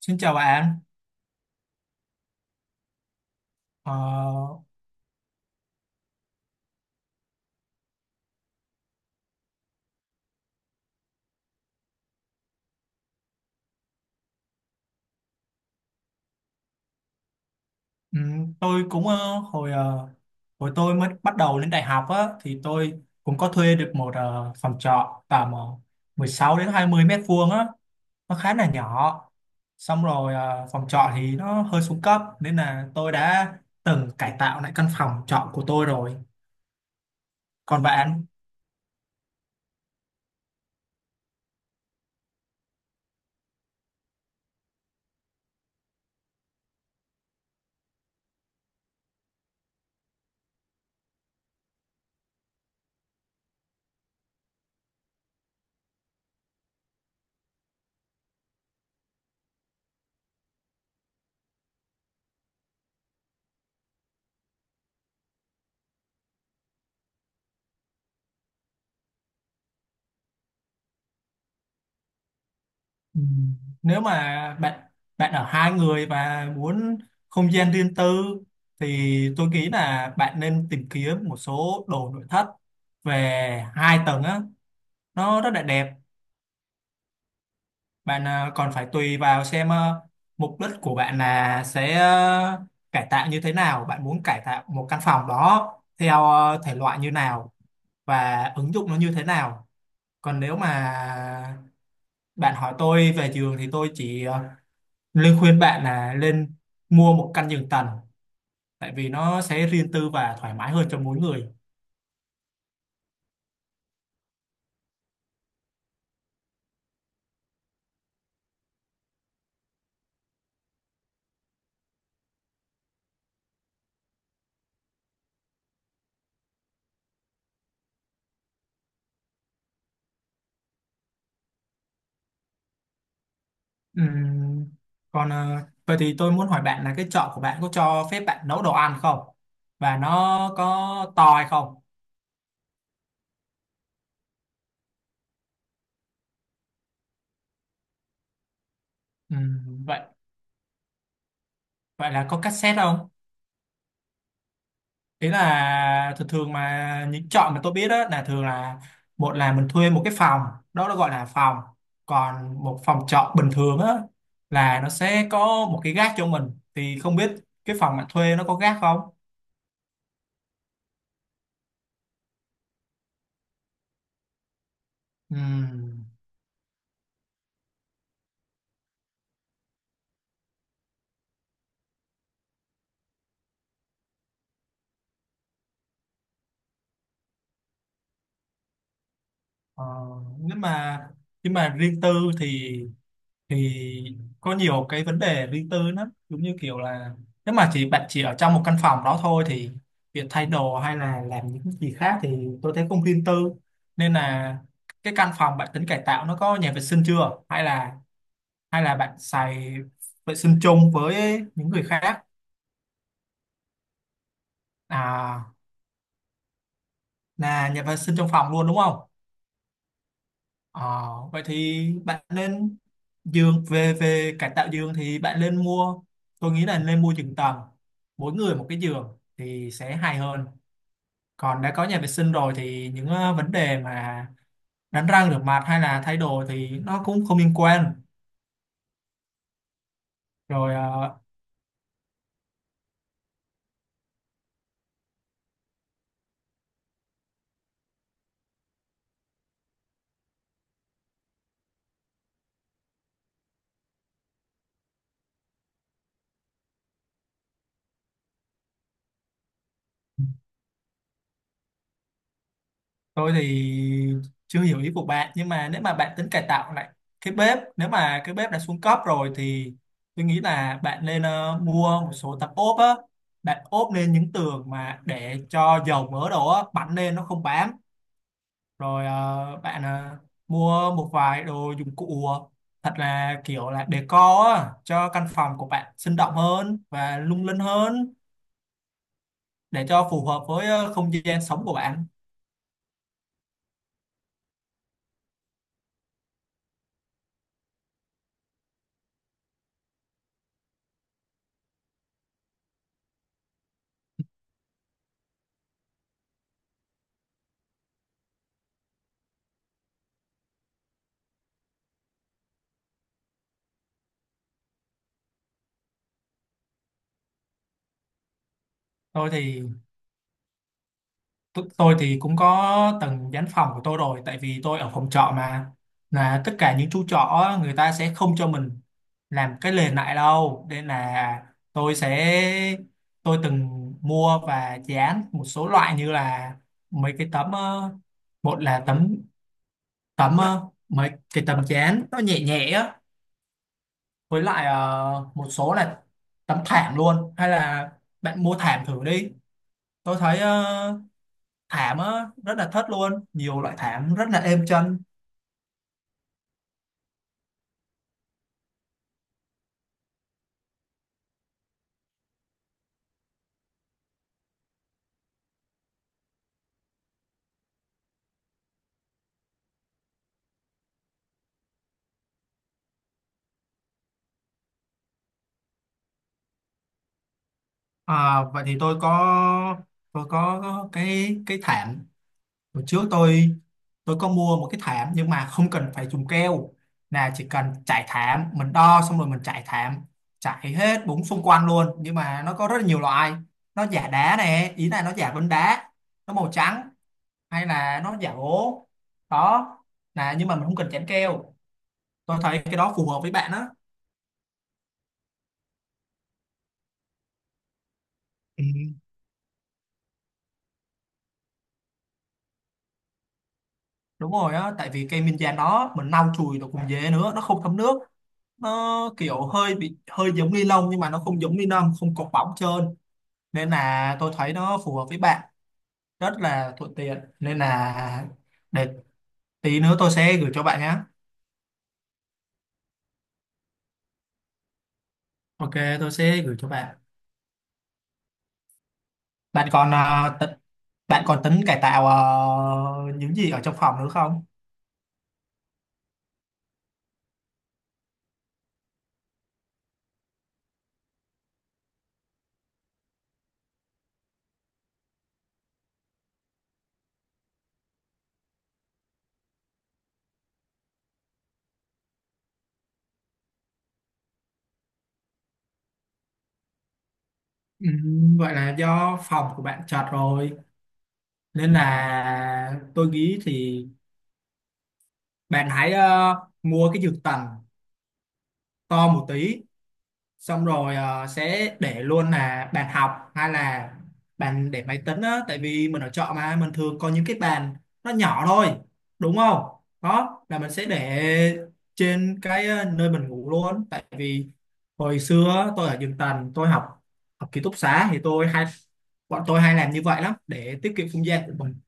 Xin chào bạn. Ờ, tôi cũng hồi tôi mới bắt đầu lên đại học á thì tôi cũng có thuê được một phòng trọ tầm 16 đến 20 mét vuông á, nó khá là nhỏ. Xong rồi phòng trọ thì nó hơi xuống cấp nên là tôi đã từng cải tạo lại căn phòng trọ của tôi rồi. Còn bạn? Ừ. Nếu mà bạn bạn ở hai người và muốn không gian riêng tư thì tôi nghĩ là bạn nên tìm kiếm một số đồ nội thất về hai tầng á, nó rất là đẹp bạn à, còn phải tùy vào xem à, mục đích của bạn là sẽ à, cải tạo như thế nào, bạn muốn cải tạo một căn phòng đó theo à, thể loại như nào và ứng dụng nó như thế nào. Còn nếu mà bạn hỏi tôi về giường thì tôi chỉ Linh khuyên bạn là nên mua một căn giường tầng tại vì nó sẽ riêng tư và thoải mái hơn cho mỗi người. Ừm, còn vậy thì tôi muốn hỏi bạn là cái chợ của bạn có cho phép bạn nấu đồ ăn không? Và nó có to hay không? Vậy vậy là có cassette không? Ý là thường thường mà những chọn mà tôi biết đó là thường là một là mình thuê một cái phòng, đó nó gọi là phòng, còn một phòng trọ bình thường á là nó sẽ có một cái gác cho mình, thì không biết cái phòng bạn thuê nó có gác không. Ừm, ờ, nhưng mà nhưng mà riêng tư thì thì có nhiều cái vấn đề riêng tư lắm, giống như kiểu là nếu mà chỉ bạn chỉ ở trong một căn phòng đó thôi thì việc thay đồ hay là làm những gì khác thì tôi thấy không riêng tư. Nên là cái căn phòng bạn tính cải tạo nó có nhà vệ sinh chưa, hay là bạn xài vệ sinh chung với những người khác? À, là nhà vệ sinh trong phòng luôn đúng không? Ờ, vậy thì bạn nên giường về về cải tạo giường thì bạn nên mua, tôi nghĩ là nên mua giường tầng, mỗi người một cái giường thì sẽ hay hơn. Còn đã có nhà vệ sinh rồi thì những vấn đề mà đánh răng rửa mặt hay là thay đồ thì nó cũng không liên quan. rồi ờ, Tôi thì chưa hiểu ý của bạn nhưng mà nếu mà bạn tính cải tạo lại cái bếp nếu mà cái bếp đã xuống cấp rồi thì tôi nghĩ là bạn nên ờ, mua một số tấm ốp á bạn ốp lên những tường mà để cho dầu mỡ đồ á bắn lên nó không bám rồi ờ, bạn ờ, mua một vài đồ dụng cụ thật là kiểu là decor á cho căn phòng của bạn sinh động hơn và lung linh hơn để cho phù hợp với ờ, không gian sống của bạn tôi thì tôi thì cũng có từng dán phòng của tôi rồi tại vì tôi ở phòng trọ mà, là tất cả những chú trọ á, người ta sẽ không cho mình làm cái nền lại đâu nên là tôi sẽ tôi từng mua và dán một số loại như là mấy cái tấm một là tấm tấm ờ, mấy cái tấm dán nó nhẹ nhẹ á, với lại một số là tấm thảm luôn, hay là bạn mua thảm thử đi. Tôi thấy thảm á rất là thất luôn, nhiều loại thảm rất là êm chân. À, vậy thì tôi có cái cái thảm, hồi trước tôi có mua một cái thảm nhưng mà không cần phải dùng keo, là chỉ cần trải thảm, mình đo xong rồi mình trải thảm, trải hết bốn xung quanh luôn. Nhưng mà nó có rất là nhiều loại, nó giả đá nè, ý là nó giả vân đá, nó màu trắng, hay là nó giả gỗ đó, là nhưng mà mình không cần chắn keo. Tôi thấy cái đó phù hợp với bạn đó. Ừ, đúng rồi á, tại vì cây minh giang đó mình lau chùi nó cũng dễ nữa, nó không thấm nước, nó kiểu hơi bị hơi giống ni lông nhưng mà nó không giống ni lông, không cọc bóng trơn, nên là tôi thấy nó phù hợp với bạn, rất là thuận tiện. Nên là để tí nữa tôi sẽ gửi cho bạn nhé. Ok, tôi sẽ gửi cho bạn. Bạn còn bạn còn tính cải tạo những gì ở trong phòng nữa không? Ừ, vậy là do phòng của bạn chật rồi nên là tôi nghĩ thì bạn hãy mua cái dược tần to một tí, xong rồi sẽ để luôn là bàn học hay là bàn để máy tính á, tại vì mình ở trọ mà mình thường có những cái bàn nó nhỏ thôi đúng không. Đó là mình sẽ để trên cái nơi mình ngủ luôn, tại vì hồi xưa á, tôi ở giường tầng, tôi học học ký túc xá thì tôi hay bọn tôi hay làm như vậy lắm để tiết kiệm không gian của mình.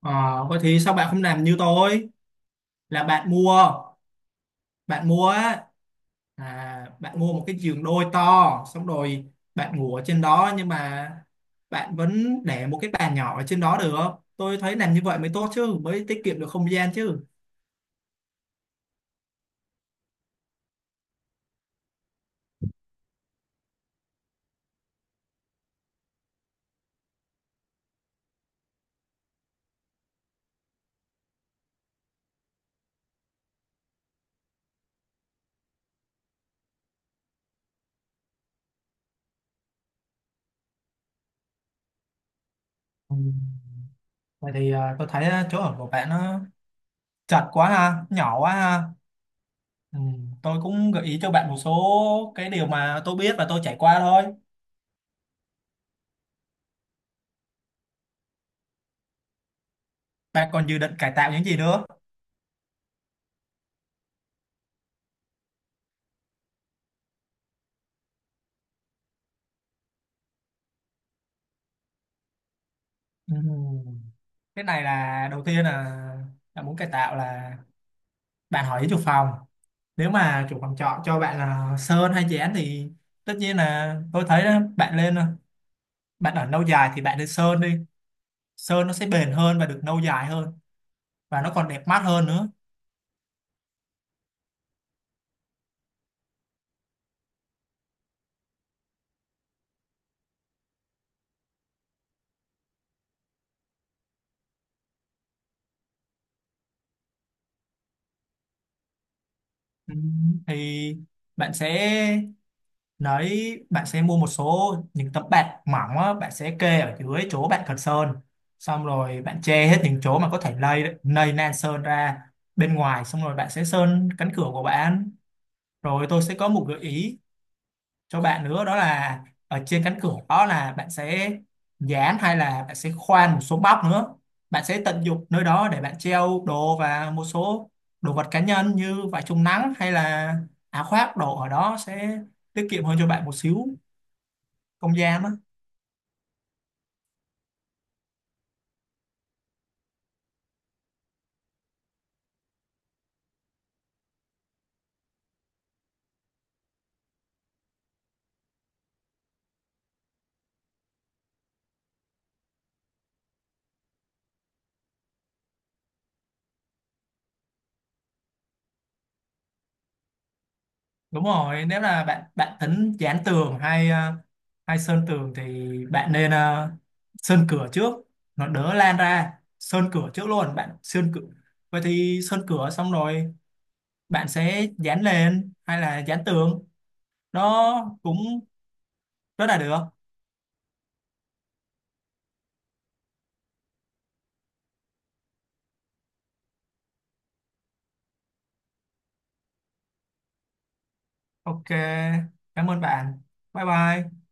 Ờ, vậy thì sao bạn không làm như tôi là bạn mua bạn mua một cái giường đôi to, xong rồi bạn ngủ ở trên đó nhưng mà bạn vẫn để một cái bàn nhỏ ở trên đó được. Tôi thấy làm như vậy mới tốt chứ, mới tiết kiệm được không gian chứ. Ừ. Vậy thì à, tôi thấy à, chỗ ở của bạn nó chật quá ha, nhỏ quá ha. Ừ. Tôi cũng gợi ý cho bạn một số cái điều mà tôi biết và tôi trải qua thôi. Bạn còn dự định cải tạo những gì nữa? Ừ. Cái này là đầu tiên là bạn muốn cải tạo là bạn hỏi ý chủ phòng, nếu mà chủ phòng trọ cho bạn là sơn hay chén thì tất nhiên là tôi thấy đó, bạn lên, bạn ở lâu dài thì bạn lên sơn đi, sơn nó sẽ bền hơn và được lâu dài hơn, và nó còn đẹp mắt hơn nữa. Ừ, thì bạn sẽ bạn sẽ mua một số những tấm bạt mỏng á, bạn sẽ kê ở dưới chỗ bạn cần sơn, xong rồi bạn che hết những chỗ mà có thể lây lây nan sơn ra bên ngoài, xong rồi bạn sẽ sơn cánh cửa của bạn. Rồi tôi sẽ có một gợi ý cho bạn nữa đó là ở trên cánh cửa đó là bạn sẽ dán hay là bạn sẽ khoan một số móc nữa, bạn sẽ tận dụng nơi đó để bạn treo đồ và một số đồ vật cá nhân như vải chống nắng hay là áo khoác đồ ở đó sẽ tiết kiệm hơn cho bạn một xíu không gian đó. Đúng rồi, nếu là bạn bạn tính dán tường hay hay sơn tường thì bạn nên sơn cửa trước, nó đỡ lan ra. Sơn cửa trước luôn, bạn sơn cửa, vậy thì sơn cửa xong rồi bạn sẽ dán lên hay là dán tường nó cũng rất là được. Ok, cảm ơn bạn. Bye bye.